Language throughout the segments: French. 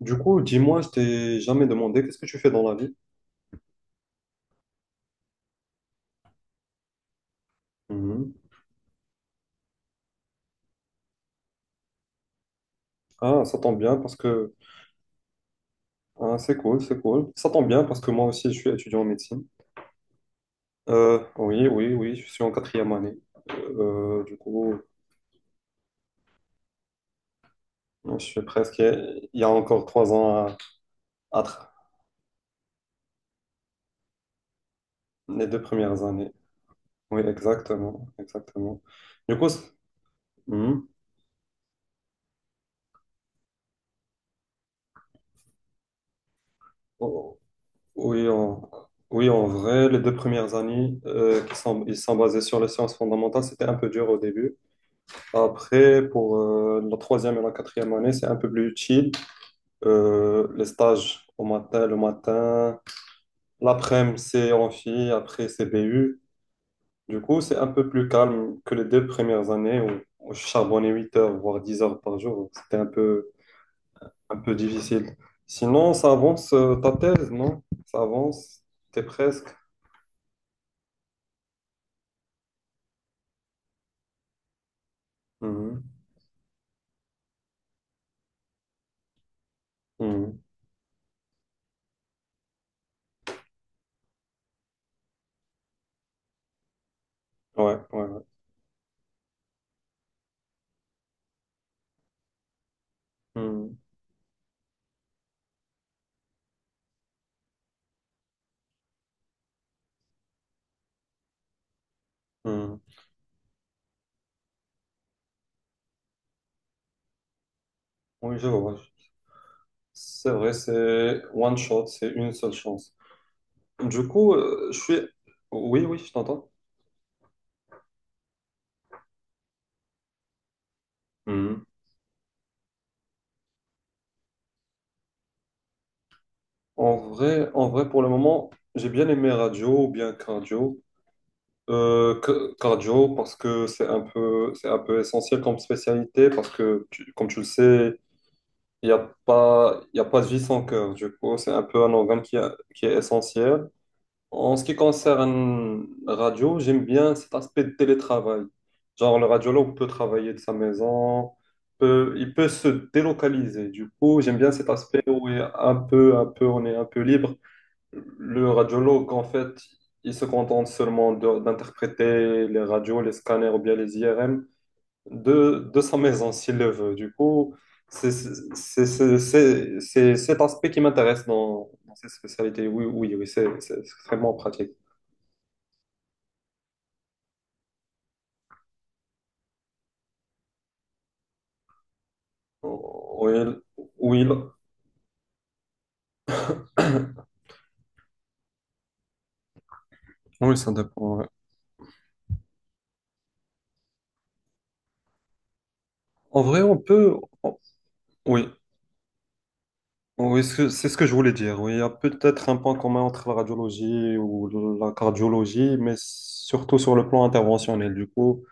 Du coup, dis-moi, je t'ai jamais demandé qu'est-ce que tu fais dans la vie? Mhm. Ah, ça tombe bien parce que ah, c'est cool, c'est cool. Ça tombe bien parce que moi aussi, je suis étudiant en médecine. Oui, oui, oui, je suis en quatrième année. Du coup, je suis presque. Il y a encore trois ans à, à tra- les deux premières années. Oui, exactement, exactement. Du coup, c'est- mhm. Oh, oui, en, oui, en vrai, les deux premières années qui sont, ils sont basées sur les sciences fondamentales, c'était un peu dur au début. Après, pour la troisième et la quatrième année, c'est un peu plus utile. Les stages au matin, le matin. L'après-midi, c'est amphi, après, c'est BU. Du coup, c'est un peu plus calme que les deux premières années où je charbonnais 8 heures, voire 10 heures par jour. C'était un peu difficile. Sinon, ça avance ta thèse, non? Ça avance, t'es presque. Mhm. Mhm. Ouais, ouais, ouais. Mhm. Mhm. Oui, je vois. C'est vrai, c'est one shot, c'est une seule chance. Du coup, je suis... Oui, oui, je t'entends. Mhm. En vrai, pour le moment, j'ai bien aimé radio ou bien cardio. Cardio parce que c'est un peu essentiel comme spécialité parce que, comme tu le sais, il n'y a pas, il y a pas de vie sans cœur. Du coup, c'est un peu un organe qui est essentiel. En ce qui concerne la radio, j'aime bien cet aspect de télétravail. Genre, le radiologue peut travailler de sa maison, il peut se délocaliser. Du coup, j'aime bien cet aspect où il est un peu, on est un peu libre. Le radiologue, en fait, il se contente seulement d'interpréter les radios, les scanners ou bien les IRM de sa maison s'il le veut. Du coup, c'est cet aspect qui m'intéresse dans, dans ces spécialités. Oui, oui, oui, c'est extrêmement pratique. Oui, oui, oui, ça dépend. Ouais. En vrai, on peut. on- Oui, oui, c'est ce que je voulais dire. Oui, il y a peut-être un point commun entre la radiologie ou la cardiologie, mais surtout sur le plan interventionnel. Du coup,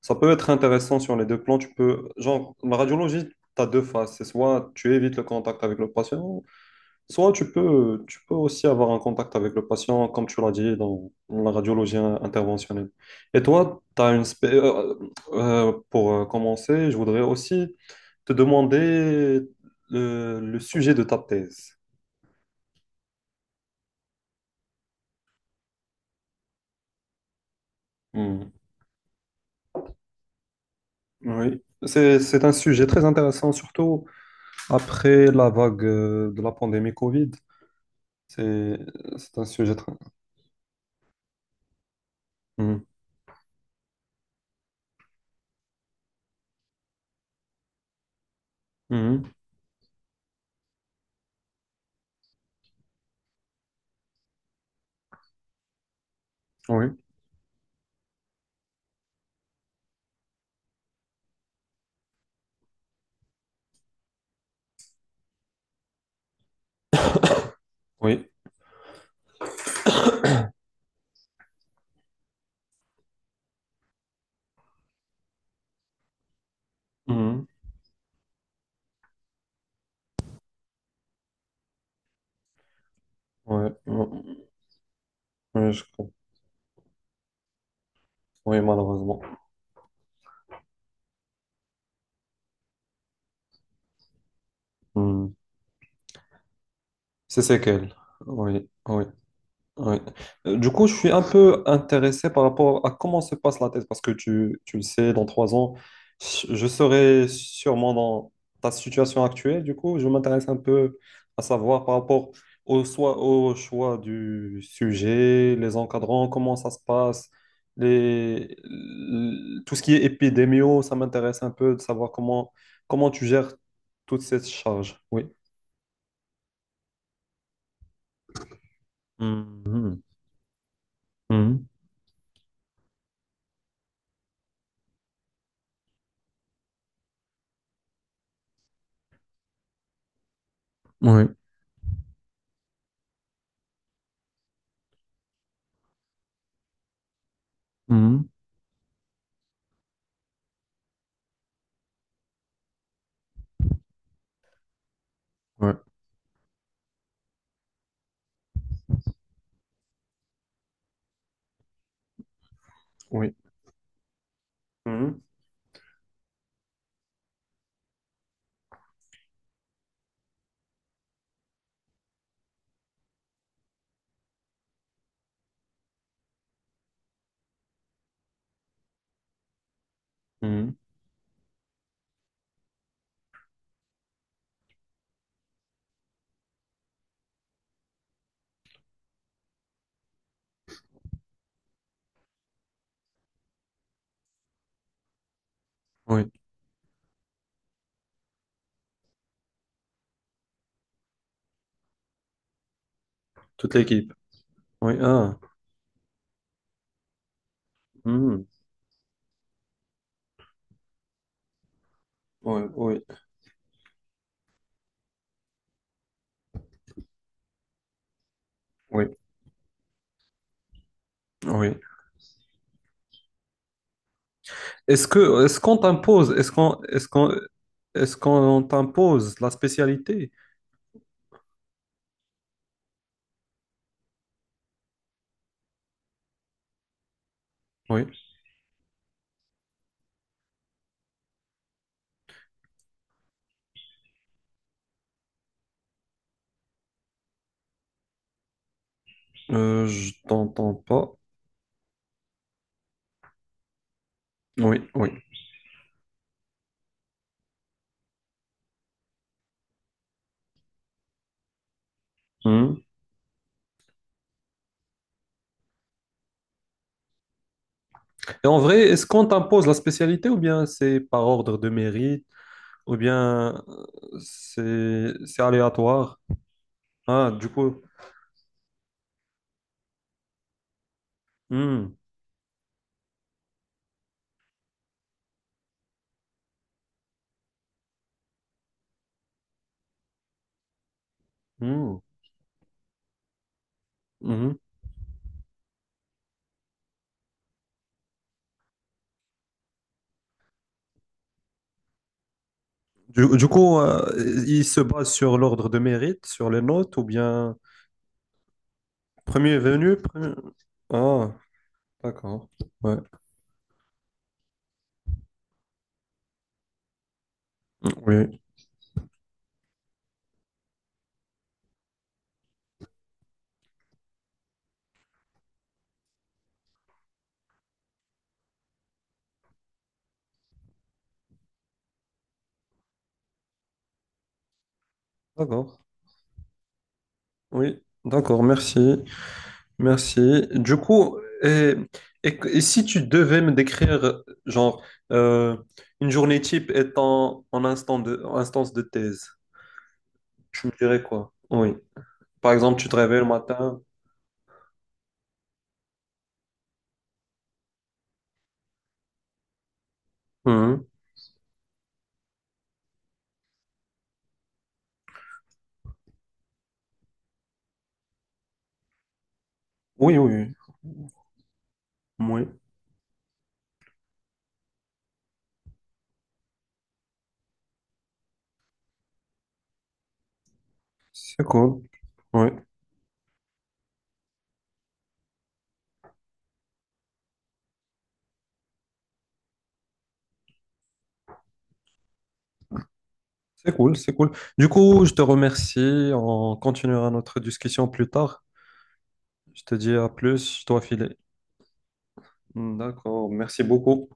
ça peut être intéressant sur les deux plans. Tu peux, genre, la radiologie, tu as deux phases. C'est soit tu évites le contact avec le patient, soit tu peux aussi avoir un contact avec le patient, comme tu l'as dit, dans la radiologie interventionnelle. Et toi, tu as pour commencer, je voudrais aussi te demander le sujet de ta thèse. Hmm. Oui, c'est un sujet très intéressant, surtout après la vague de la pandémie Covid. C'est, c'est un sujet très... Hmm. Hmm. Oui, oui. Hmm. Ouais, ouais. Ouais, je comprends. Oui, malheureusement. Hmm. C'est séquelles. Oui, oui, oui. Du coup, je suis un peu intéressé par rapport à comment se passe la thèse, parce que tu le sais, dans trois ans, je serai sûrement dans ta situation actuelle. Du coup, je m'intéresse un peu à savoir par rapport au choix du sujet, les encadrants, comment ça se passe, tout ce qui est épidémio, ça m'intéresse un peu de savoir comment, comment tu gères toute cette charge. Oui. Mhm. Mhm. Oui. Mhm. Ouais. Oui. Mhm. Mhm. Oui. Toute l'équipe. Oui. Ah. Mhm. Oui. Oui. Oui. Oui. Est-ce que est-ce qu'on t'impose, est-ce qu'on est-ce qu'on est-ce qu'on t'impose la spécialité? Oui. Je t'entends pas. Oui. Oui. Mhm. Et en vrai, est-ce qu'on t'impose la spécialité ou bien c'est par ordre de mérite ou bien c'est aléatoire? Ah, du coup. Mhm. Mhm. Du coup, il se base sur l'ordre de mérite, sur les notes, ou bien premier venu, premier... Ah, d'accord. Ouais. Oui. D'accord. Oui. D'accord, merci. Merci. Du coup, et, et si tu devais me décrire, genre, euh, une journée type étant en instant de, en instance de thèse, tu me dirais quoi? Oui. Par exemple, tu te réveilles le matin. Mhm. Oui, oui. Oui. Oui. C'est cool. Oui. C'est cool, c'est cool. Du coup, je te remercie. On continuera notre discussion plus tard. Je te dis à plus, je dois filer. D'accord, merci beaucoup.